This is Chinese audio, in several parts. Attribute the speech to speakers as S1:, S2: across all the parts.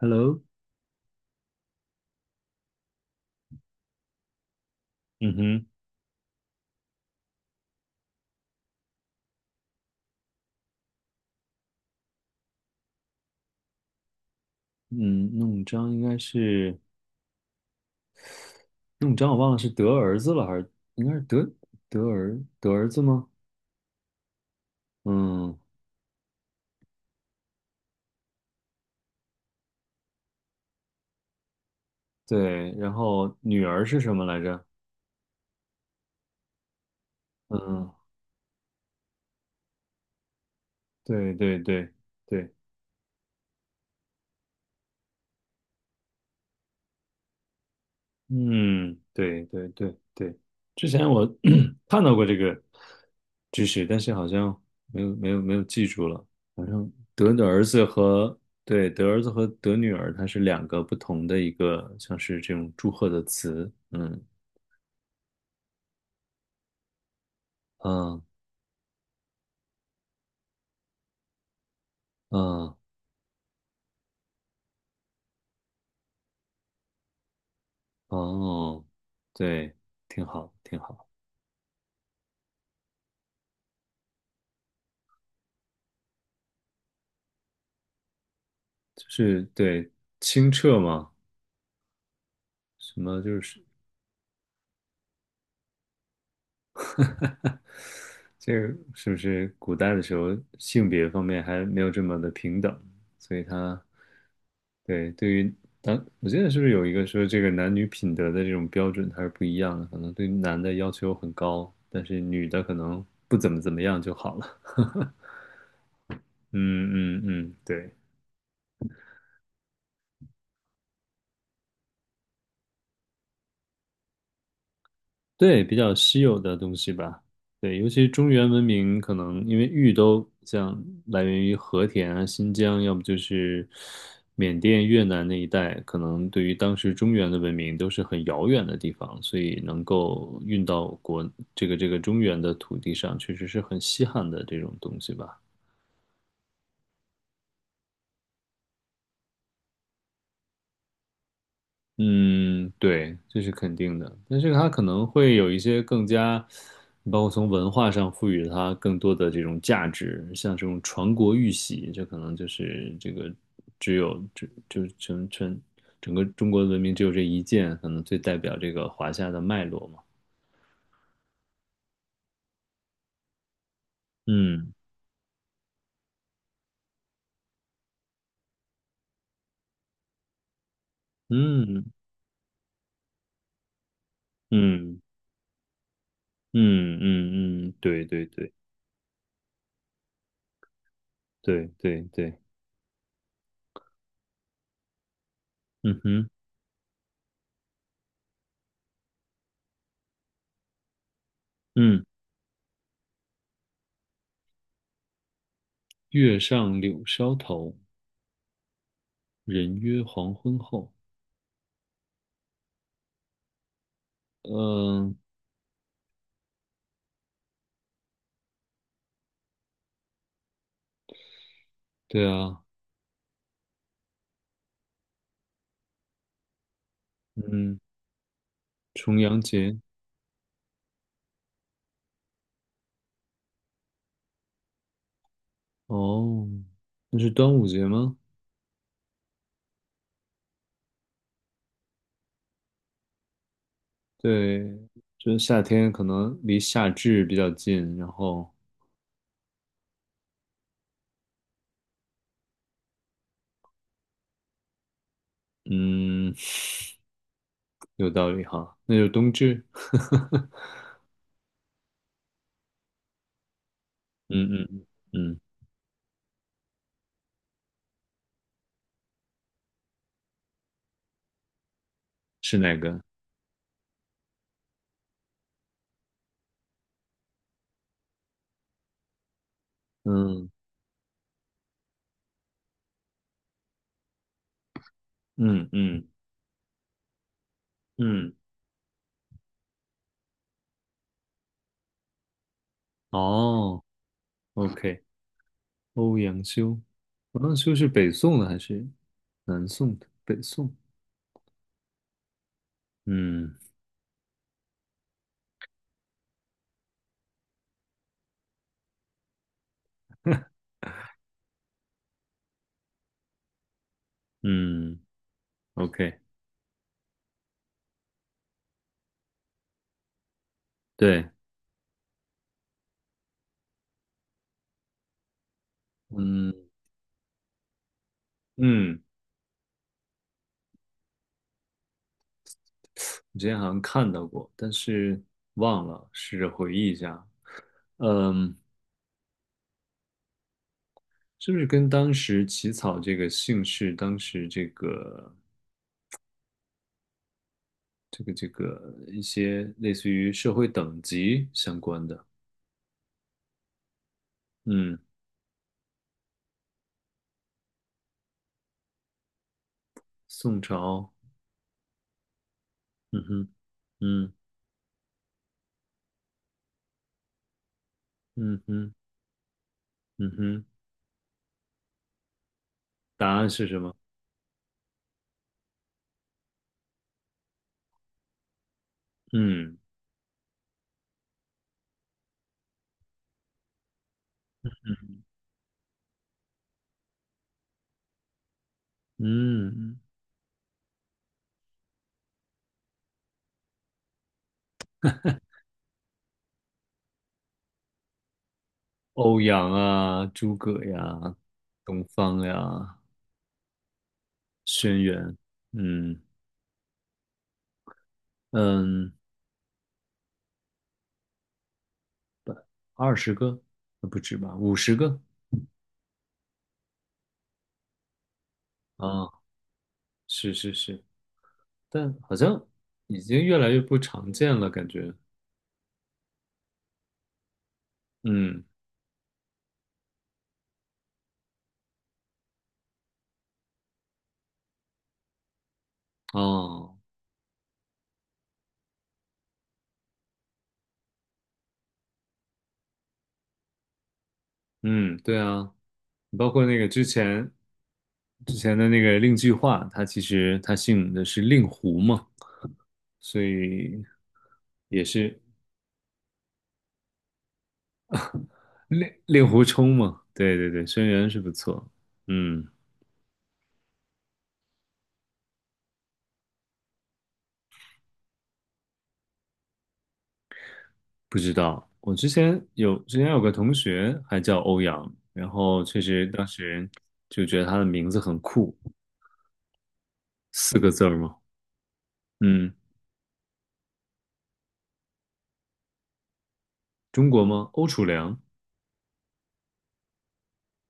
S1: Hello，嗯哼，嗯，弄璋应该是弄璋，我忘了是得儿子了还是应该是得儿子吗？嗯，对，然后女儿是什么来着？嗯，对对对对，嗯，对对对对，之前我 看到过这个知识，但是好像没有记住了。好像得的儿子和对得儿子和得女儿，它是两个不同的一个，像是这种祝贺的词。嗯嗯嗯哦，对，挺好，挺好，就是对清澈嘛，什么就是这个是不是古代的时候性别方面还没有这么的平等，所以他对对于当我记得是不是有一个说这个男女品德的这种标准它是不一样的，可能对男的要求很高，但是女的可能不怎么怎么样就好了。嗯嗯嗯，对，对，比较稀有的东西吧。对，尤其中原文明，可能因为玉都像来源于和田啊、新疆，要么就是缅甸、越南那一带，可能对于当时中原的文明都是很遥远的地方，所以能够运到国这个这个中原的土地上，确实是很稀罕的这种东西吧。嗯，对，这是肯定的，但是它可能会有一些更加，包括从文化上赋予它更多的这种价值，像这种传国玉玺，这可能就是这个只有这就是全全整个中国文明只有这一件，可能最代表这个华夏的脉络嘛。嗯嗯嗯嗯嗯嗯，对对对对对对，嗯哼嗯，月上柳梢头，人约黄昏后。嗯、对啊，嗯，重阳节，哦，那是端午节吗？对，就是夏天可能离夏至比较近，然后，嗯，有道理哈，那就冬至，嗯嗯嗯，嗯是哪个？嗯嗯嗯嗯，哦，OK，欧阳修，欧阳修是北宋的还是南宋的？北宋，嗯嗯，OK，对，嗯嗯。我之前好像看到过，但是忘了，试着回忆一下。嗯，是不是跟当时起草这个姓氏，当时这个一些类似于社会等级相关的？嗯，宋朝，嗯哼，嗯嗯哼，嗯哼，答案是什么？嗯嗯，欧阳啊，诸葛呀，东方呀，轩辕，嗯嗯。20个，不止吧，50个啊，是是是，但好像已经越来越不常见了，感觉，嗯，哦，嗯，对啊，包括那个之前的那个令计划，他其实他姓的是令狐嘛，所以也是令狐冲嘛，对对对，轩辕是不错，嗯。不知道，我之前有个同学还叫欧阳，然后确实当时就觉得他的名字很酷，四个字儿嘛，嗯，中国吗？欧楚良，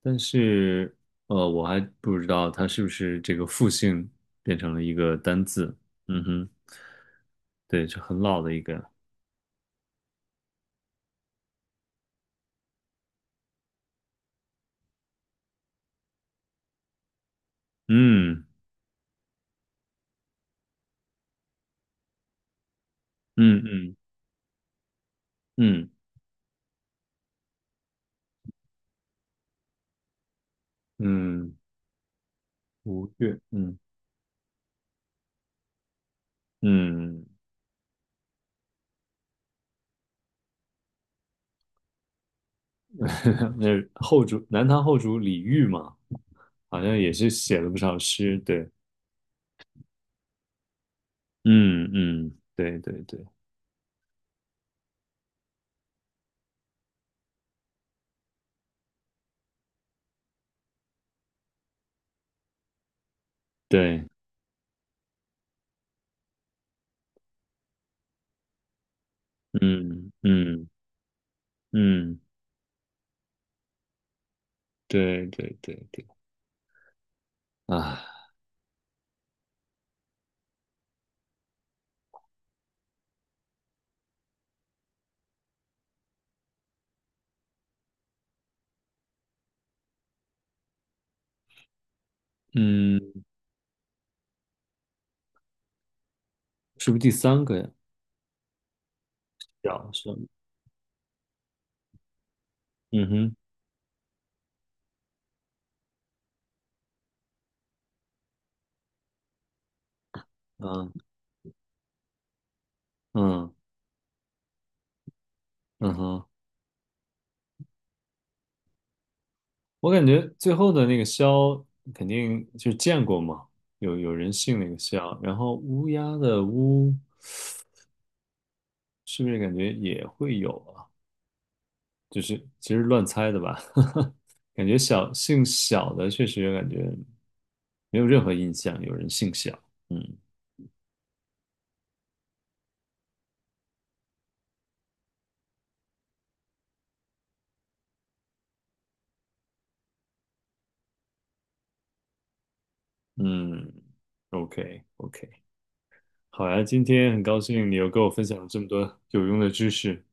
S1: 但是我还不知道他是不是这个复姓变成了一个单字，嗯哼，对，就很老的一个，嗯嗯嗯嗯嗯，吴越，嗯嗯，那后主南唐后主李煜嘛，好像也是写了不少诗，对，嗯嗯，对对对对，嗯嗯嗯，对对对对，啊，嗯，是不是第三个呀？叫什么嗯哼，嗯嗯嗯哼，我感觉最后的那个枭肯定就是见过嘛，有人姓那个枭，然后乌鸦的乌是不是感觉也会有啊？就是其实乱猜的吧，感觉小姓小的确实感觉没有任何印象，有人姓小。嗯嗯，OK OK，好呀，今天很高兴你又跟我分享了这么多有用的知识，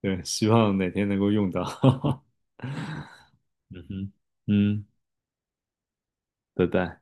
S1: 对，希望哪天能够用到。嗯哼，嗯，拜拜。